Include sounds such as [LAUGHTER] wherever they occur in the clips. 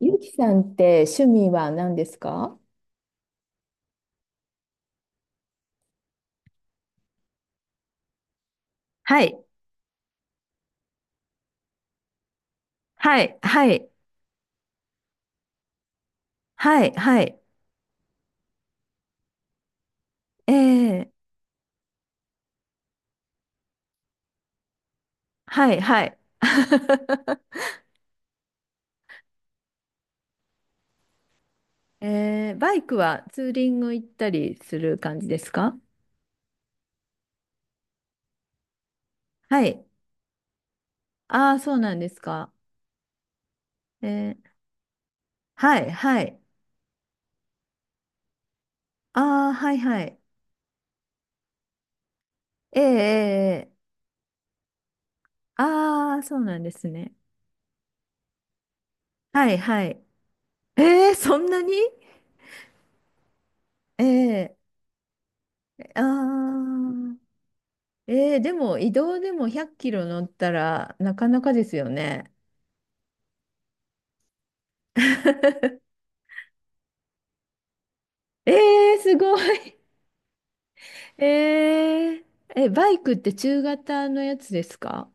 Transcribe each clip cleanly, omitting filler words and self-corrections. ゆきさんって趣味は何ですか？はい、はい、はい、はい、はい。えー、はい、はい。[LAUGHS] えー、バイクはツーリング行ったりする感じですか？はい。ああ、そうなんですか。えー、はい、はい。ああ、はい、はい。ええええ。ああー、そうなんですね。はい、はい。えー、そんなに。ええ。ああ、えー、でも移動でも100キロ乗ったらなかなかですよね。[LAUGHS] えー、すごい。[LAUGHS] えー、え、バイクって中型のやつですか？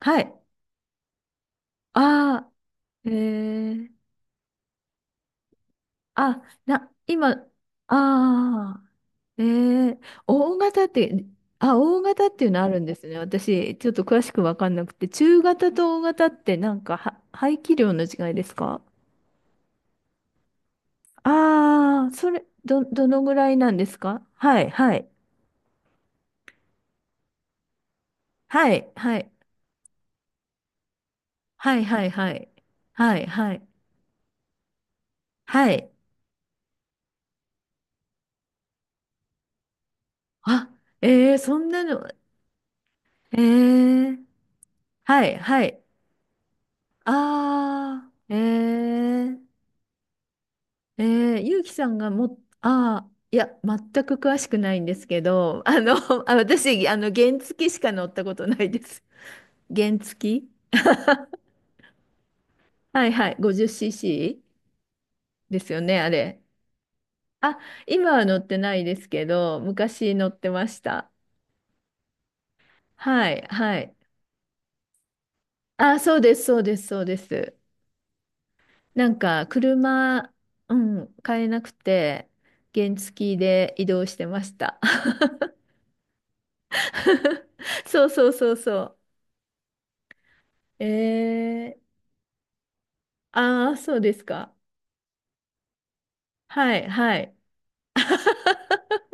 はい。ああ、えー、あ、な、今、ああ、えー、大型って、あ、大型っていうのあるんですね。私、ちょっと詳しくわかんなくて、中型と大型ってなんかは、排気量の違いですか？ああー、それ、ど、どのぐらいなんですか？はい、はい。はい、はい。はい、はい、はい。はい、はい。はい。あ、えー、そんなの。えー、はい、はい。あー、えー、えー、ゆうきさんがも、あー、いや、全く詳しくないんですけど、[LAUGHS] [LAUGHS] あ、私、原付しか乗ったことないです。[LAUGHS] 原付。はい、はい、50cc ですよね、あれ。あ、今は乗ってないですけど、昔乗ってました。はい、はい。あ、そうです、そうです、そうです。なんか、車、うん、買えなくて、原付で移動してました。[LAUGHS] そうそうそうそう。えー、ああ、そうですか。はい、はい。[LAUGHS]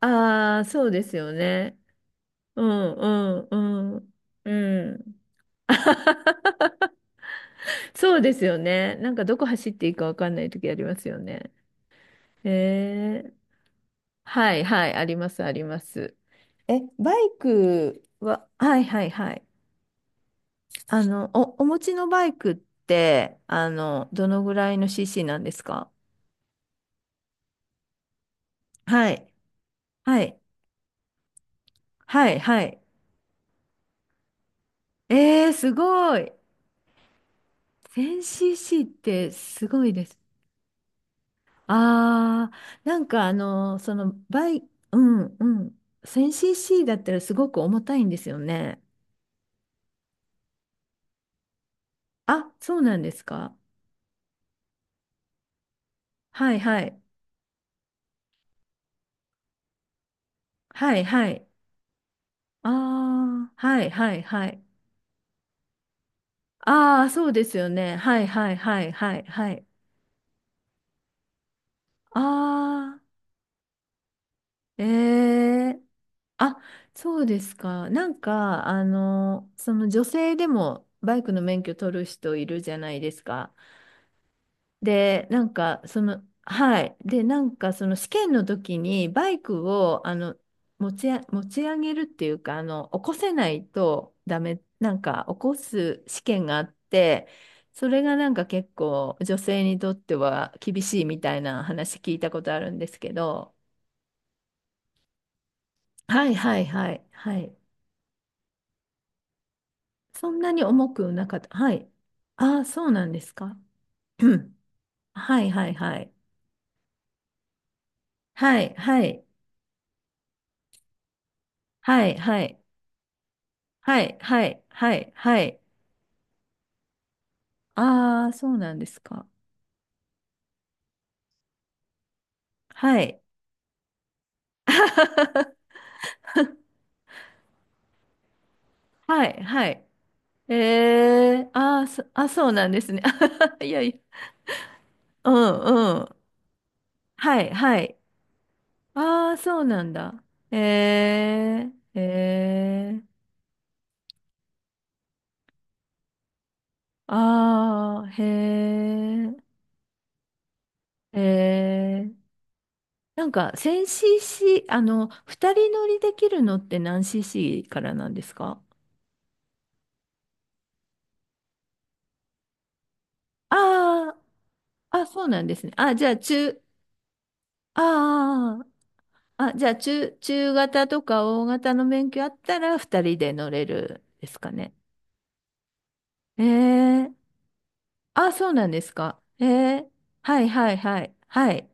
ああ、そうですよね。うん、うん、うん、うん。[LAUGHS] そうですよね。なんかどこ走っていいかわかんない時ありますよね。ええ。はい、はい、あります、あります。え、バイクは、はいはいはい。お、お持ちのバイクって、どのぐらいの CC なんですか？はい。はい。はい、はい。えー、すごい。1000cc ってすごいです。あー、うんうん。1000cc だったらすごく重たいんですよね。あ、そうなんですか。はい、はい。はい、はい。ああ、はいはいはい。ああ、そうですよね。はいはいはいはいはい。ああ、ええ。あ、そうですか。なんか、あの、その女性でもバイクの免許取る人いるじゃないですか。で、なんか、その、はい。で、なんか、その試験の時に、バイクを、あの、持ち上げるっていうか、あの、起こせないとダメ、なんか、起こす試験があって、それがなんか結構、女性にとっては厳しいみたいな話聞いたことあるんですけど、はい、はい、はい、はい。そんなに重くなかった。はい。ああ、そうなんですか。うん。はい、はい、はい。はい、はい、はい、はい。はい、はい、はい、はい。ああ、そうなんですか。はい。[LAUGHS] はい、はい。ええ。ああ、そうなんですね。[LAUGHS] いやいや。うん、うん。はい、はい。ああ、そうなんだ。ええええ。ああー、へえ、ええ。なんか、1000cc、あの、2人乗りできるのって何 cc からなんですか？ああー、あ、そうなんですね。あ、じゃあ、中、あーあー、あ、じゃあ中、中型とか大型の免許あったら二人で乗れるですかね。ええ。あ、そうなんですか。ええはいはいはい。はい。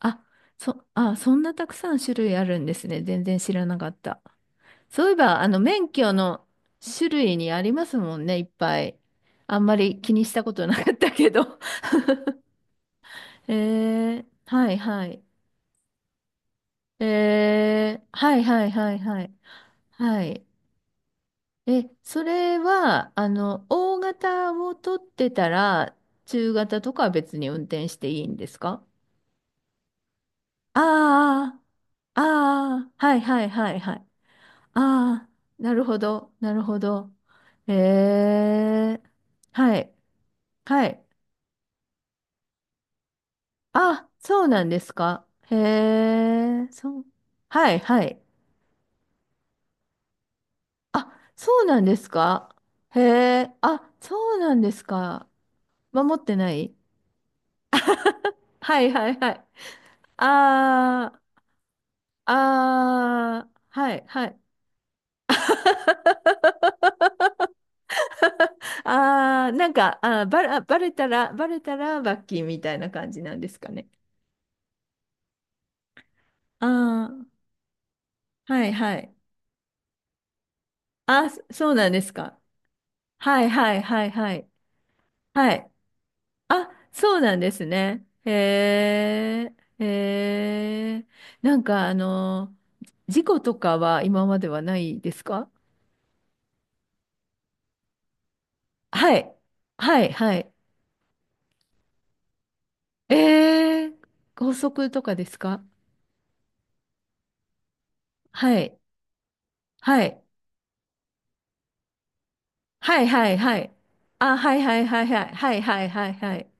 あ、あ、そんなたくさん種類あるんですね。全然知らなかった。そういえば、免許の種類にありますもんね、いっぱい。あんまり気にしたことなかったけど。[LAUGHS] ええはいはい。ええはいはいはいはい。はい。え、それは、あの、大型を取ってたら、中型とかは別に運転していいんですか？ああ、ああ、はいはいはいはい。ああ、なるほど、なるほど。ええ、はい、はい。あ、そうなんですか。へえ、そう。はいはい。あ、そうなんですか。へえ、あ、そうなんですか。守ってない。はいはいはい。あー、あー、はい、はい。[LAUGHS] あー、なんか、バレたら、バレたら罰金みたいな感じなんですかね。あー、はい、はい。あ、そうなんですか。はい、はい、はい、はい。はい。あ、そうなんですね。へえ、へえ。なんか、あの、事故とかは今まではないですか？はい。はい、はい。ええ、高速とかですか？はい。はい。はい、はい、はい。あ、はい、はい、はい、はい。はい、はい、はい、はい。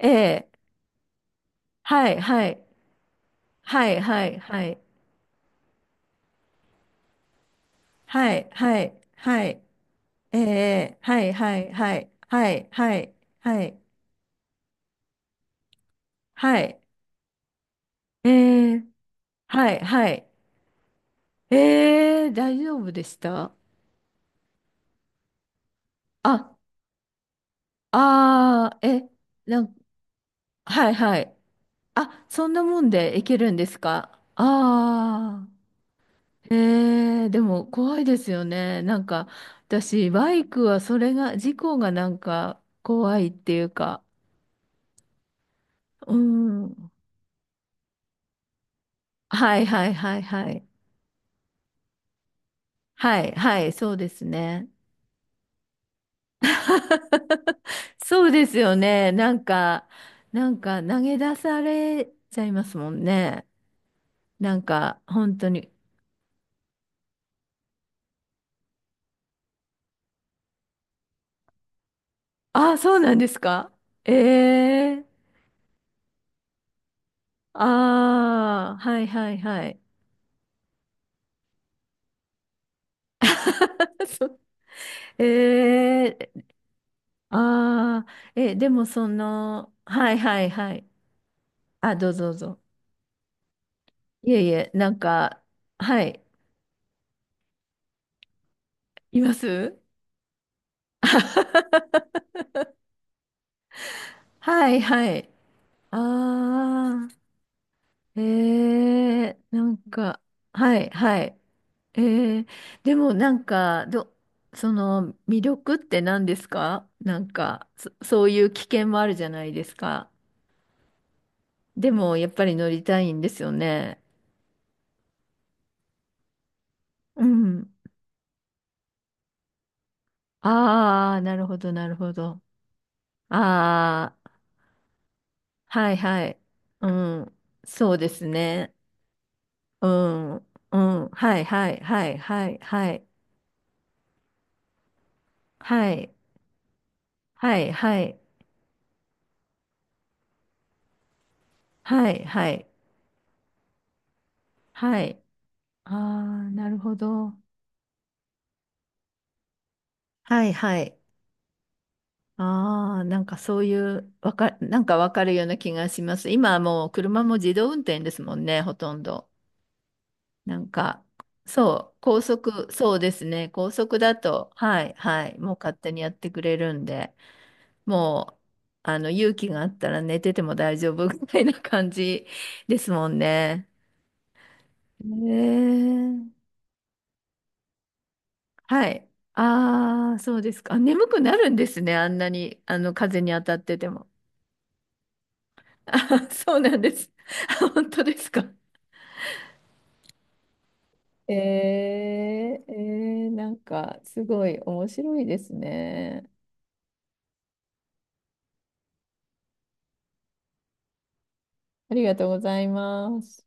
ええ。はい、はい。はい、はい、はい。はい、はい、はい。ええ。はい、はい、はい。はい、はい、はい。はい。ええ。はい、はい。ええ、大丈夫でした？あ、ああ、え、なん、はい、はい。あ、そんなもんでいけるんですか？ああー。えー、でも怖いですよね。なんか私バイクはそれが事故がなんか怖いっていうか。うん。はいはいはいはい。はいはいそうですね。[LAUGHS] そうですよね。なんか、なんか投げ出されちゃいますもんね。なんか本当に。ああそうなんですか。ええー。ああはいはいはい。[LAUGHS] そう。えー、あー。え、でもその、はいはいはい。あ、どうぞどうぞ。いえいえ、なんか、はい、います？ [LAUGHS] はいはい。ああ、えー、なんか、はいはい。えー、でもなんか、ど、その魅力って何ですか？なんか、そういう危険もあるじゃないですか。でもやっぱり乗りたいんですよね。うん。ああ、なるほど、なるほど。ああ、はいはい。うん。そうですね。うん。うん。はいはいはいはいはい。はいはいはいはいはいはい。ああ、なるほど。はいはい。ああ、なんかそういう、わか、なんかわかるような気がします。今はもう車も自動運転ですもんね、ほとんど。なんか、そう、高速、そうですね。高速だと、はい、はい、もう勝手にやってくれるんで、もう、あの、勇気があったら寝てても大丈夫みたいな感じですもんね。ねえ。はい。ああ、そうですか。あ眠くなるんですね。あんなに、あの、風に当たってても。[LAUGHS] あ、そうなんです。[LAUGHS] あ本当ですか。えー、えー、なんか、すごい面白いですね。ありがとうございます。